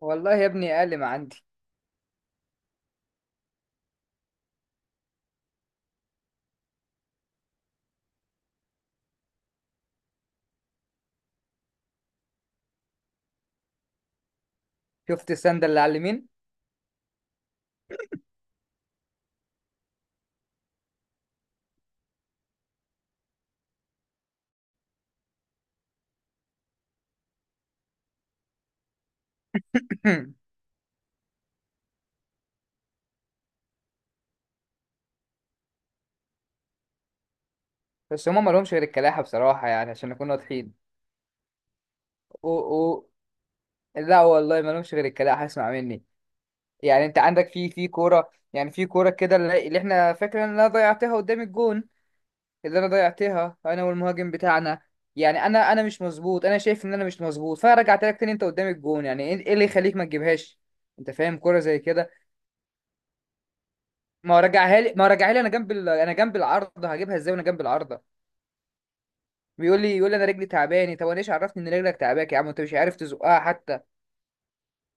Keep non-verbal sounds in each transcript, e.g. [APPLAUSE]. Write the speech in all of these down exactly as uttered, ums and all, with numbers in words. والله يا ابني اقل ما عندي. شفت السند اللي على اليمين؟ [CLEARS THROAT] بس هما ما لهمش غير الكلاحة بصراحة، يعني عشان نكون واضحين. او او لا والله ما لهمش غير الكلاحة، اسمع مني. يعني انت عندك في في كورة، يعني في كورة كده اللي اللي احنا فاكرين ان انا ضيعتها قدام الجون، اللي انا ضيعتها انا والمهاجم بتاعنا. يعني انا انا مش مظبوط، انا شايف ان انا مش مظبوط، فرجعت لك تاني انت قدام الجون، يعني ايه إيه اللي يخليك ما تجيبهاش؟ انت فاهم كورة زي كده؟ ما هو رجعها لي ما هو رجعها لي انا جنب ال... انا جنب العارضة، هجيبها ازاي وانا جنب العارضة؟ بيقول لي يقول لي انا رجلي تعباني، طب انا ايش عرفني ان رجلك تعباك يا عم؟ انت مش عارف تزقها حتى.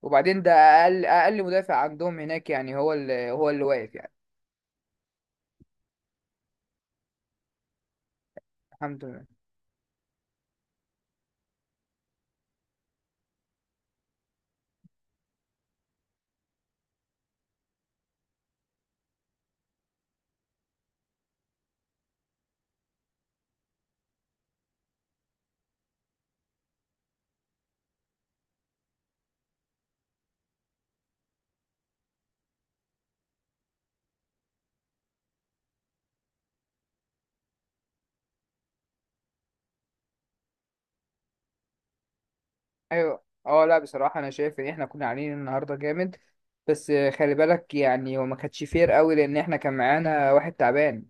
وبعدين ده اقل اقل مدافع عندهم هناك، يعني هو اللي هو اللي واقف يعني. الحمد لله. ايوه، اه، لا بصراحه انا شايف ان احنا كنا عاملين النهارده جامد. بس خلي بالك، يعني هو ما كانتش فير قوي لان احنا كان معانا واحد تعبان.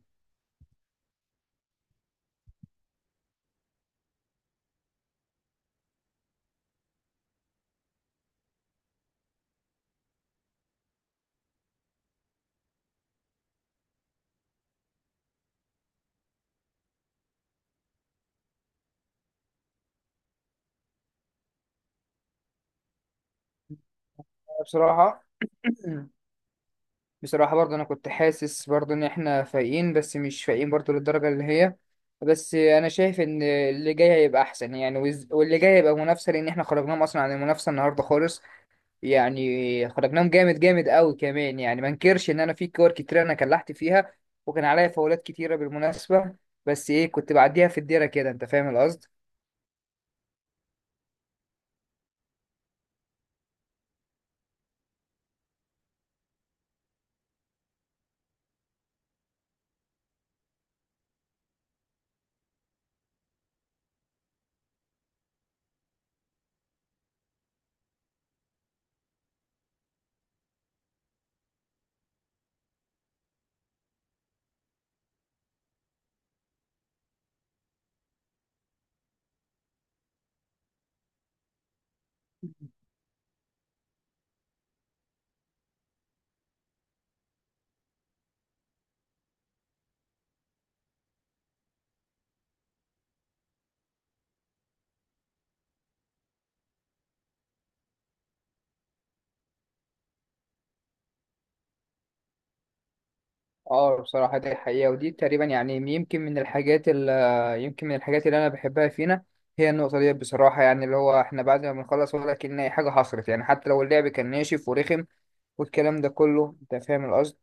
بصراحه. [CLEARS THROAT] بصراحة برضه أنا كنت حاسس برضه إن إحنا فايقين، بس مش فايقين برضه للدرجة اللي هي. بس أنا شايف إن اللي جاي هيبقى أحسن، يعني وز- واللي جاي هيبقى منافسة، لأن إحنا خرجناهم أصلا عن المنافسة النهاردة خالص. يعني خرجناهم جامد جامد أوي كمان، يعني ما انكرش إن أنا في كور كتير أنا كلحت فيها، وكان عليا فاولات كتيرة بالمناسبة. بس إيه، كنت بعديها في الديرة كده، أنت فاهم القصد. اه بصراحة دي حقيقة، ودي تقريبا يعني يمكن من الحاجات اللي يمكن من الحاجات اللي أنا بحبها فينا، هي النقطة دي بصراحة. يعني اللي هو احنا بعد ما بنخلص ولا كأن أي حاجة حصلت، يعني حتى لو اللعب كان ناشف ورخم والكلام ده كله، أنت فاهم القصد.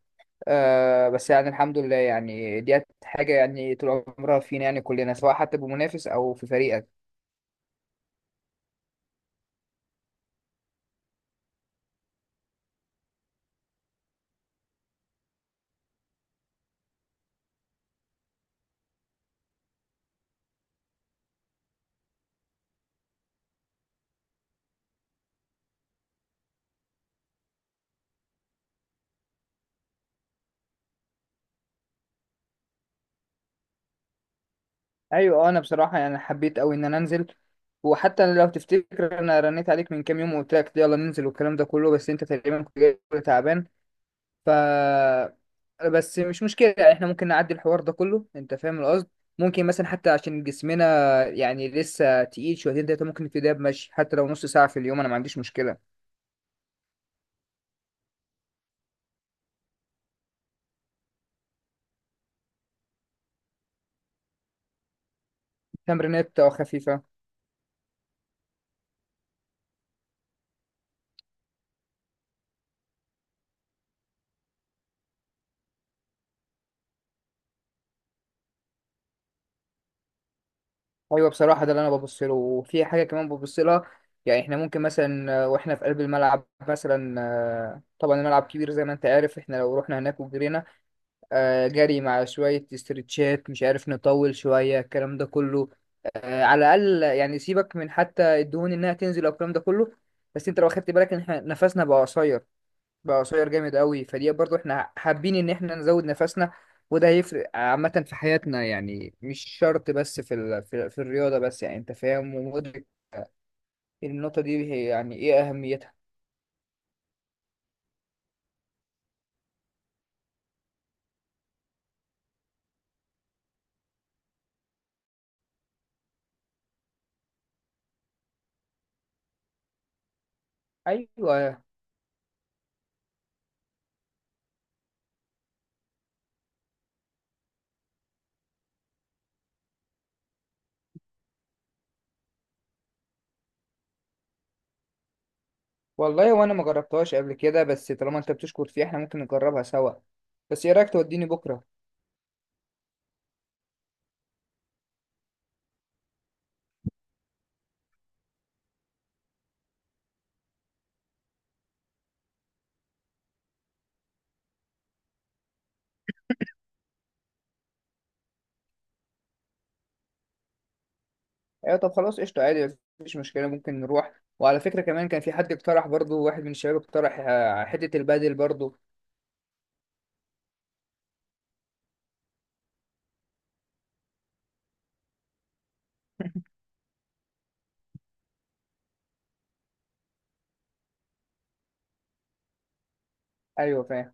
آه، بس يعني الحمد لله، يعني دي حاجة يعني طول عمرها فينا، يعني كلنا سواء حتى بمنافس أو في فريقك. أيوة، آه، أنا بصراحة يعني حبيت أوي إن أنا أنزل، وحتى لو تفتكر انا رنيت عليك من كام يوم وقلت لك يلا ننزل والكلام ده كله، بس انت تقريبا كنت جاي تعبان. ف بس مش مشكلة، احنا ممكن نعدي الحوار ده كله، انت فاهم القصد. ممكن مثلا حتى عشان جسمنا يعني لسه تقيل شويتين تلاتة، ممكن نبتدي بمشي حتى لو نص ساعة في اليوم، انا ما عنديش مشكلة. تمرينات خفيفة. ايوه بصراحة ده اللي انا ببص له، وفي حاجة كمان ببص لها. يعني احنا ممكن مثلا واحنا في قلب الملعب مثلا، آه، طبعا الملعب كبير زي ما انت عارف، احنا لو رحنا هناك وجرينا، آه، جري مع شوية استرتشات، مش عارف نطول شوية الكلام ده كله، آه، على الأقل يعني سيبك من حتى الدهون إنها تنزل أو الكلام ده كله. بس أنت لو أخدت بالك إن إحنا نفسنا بقى قصير، بقى قصير جامد قوي، فدي برضو إحنا حابين إن إحنا نزود نفسنا. وده هيفرق عامة في حياتنا، يعني مش شرط بس في ال... في, في الرياضة بس، يعني أنت فاهم ومدرك النقطة دي، هي يعني إيه أهميتها. أيوة. والله وانا ما جربتهاش قبل كده، بس طالما انت بتشكر فيها احنا ممكن نجربها سوا. بس ايه رايك توديني بكره؟ ايوه طب خلاص، قشطه عادي مفيش مشكله، ممكن نروح. وعلى فكره كمان كان في حد اقترح برضو، واحد من الشباب اقترح آه، حته البادل برضو. ايوه فاهم.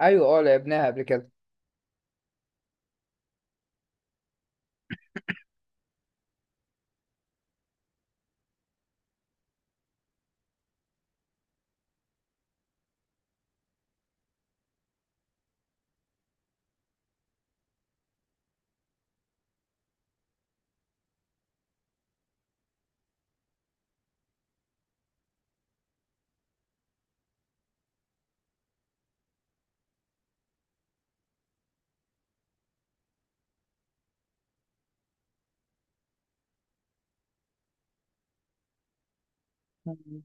ايوه اه لعبناها قبل كده. مم.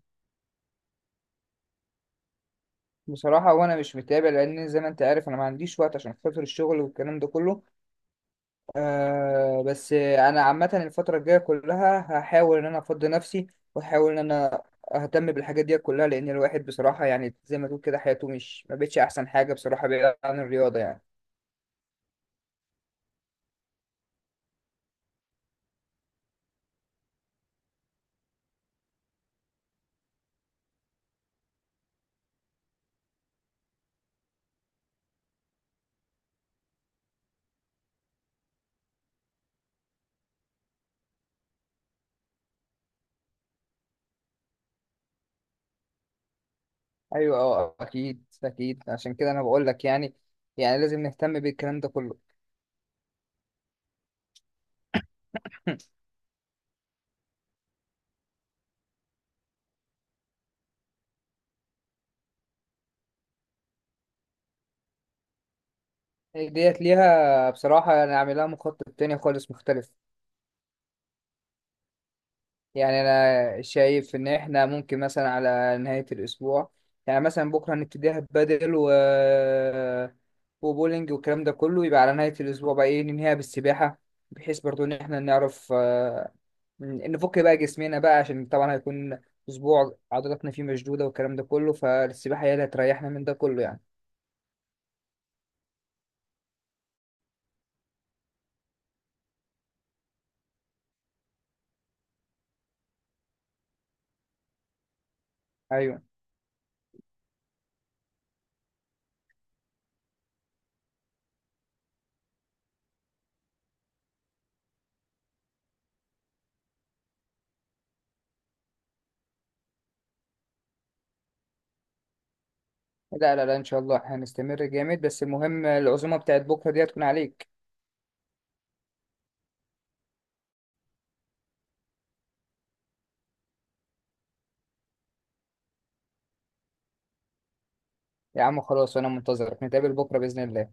بصراحه وانا مش متابع، لان زي ما انت عارف انا ما عنديش وقت عشان خاطر الشغل والكلام ده كله. آه بس انا عامه الفتره الجايه كلها هحاول ان انا افضي نفسي، واحاول ان انا اهتم بالحاجات دي كلها، لان الواحد بصراحه يعني زي ما تقول كده حياته مش ما بقتش احسن حاجه بصراحه بعيد عن الرياضه يعني. ايوه اه اكيد اكيد، عشان كده انا بقول لك، يعني يعني لازم نهتم بالكلام ده كله. [LAUGHS] ديت ليها، بصراحه انا عاملها مخطط تاني خالص مختلف. يعني انا شايف ان احنا ممكن مثلا على نهاية الاسبوع، يعني مثلا بكرة هنبتديها بدل و وبولينج والكلام ده كله، يبقى على نهاية الاسبوع بقى ايه ننهيها بالسباحة، بحيث برضو ان احنا نعرف آه، نفك بقى جسمنا بقى، عشان طبعا هيكون اسبوع عضلاتنا فيه مشدودة والكلام ده كله، فالسباحة هي اللي هتريحنا من ده كله يعني. ايوه. لا لا لا ان شاء الله هنستمر جامد، بس المهم العزومة بتاعت بكرة دي هتكون عليك. يا عم خلاص وانا منتظرك، نتقابل بكرة بإذن الله.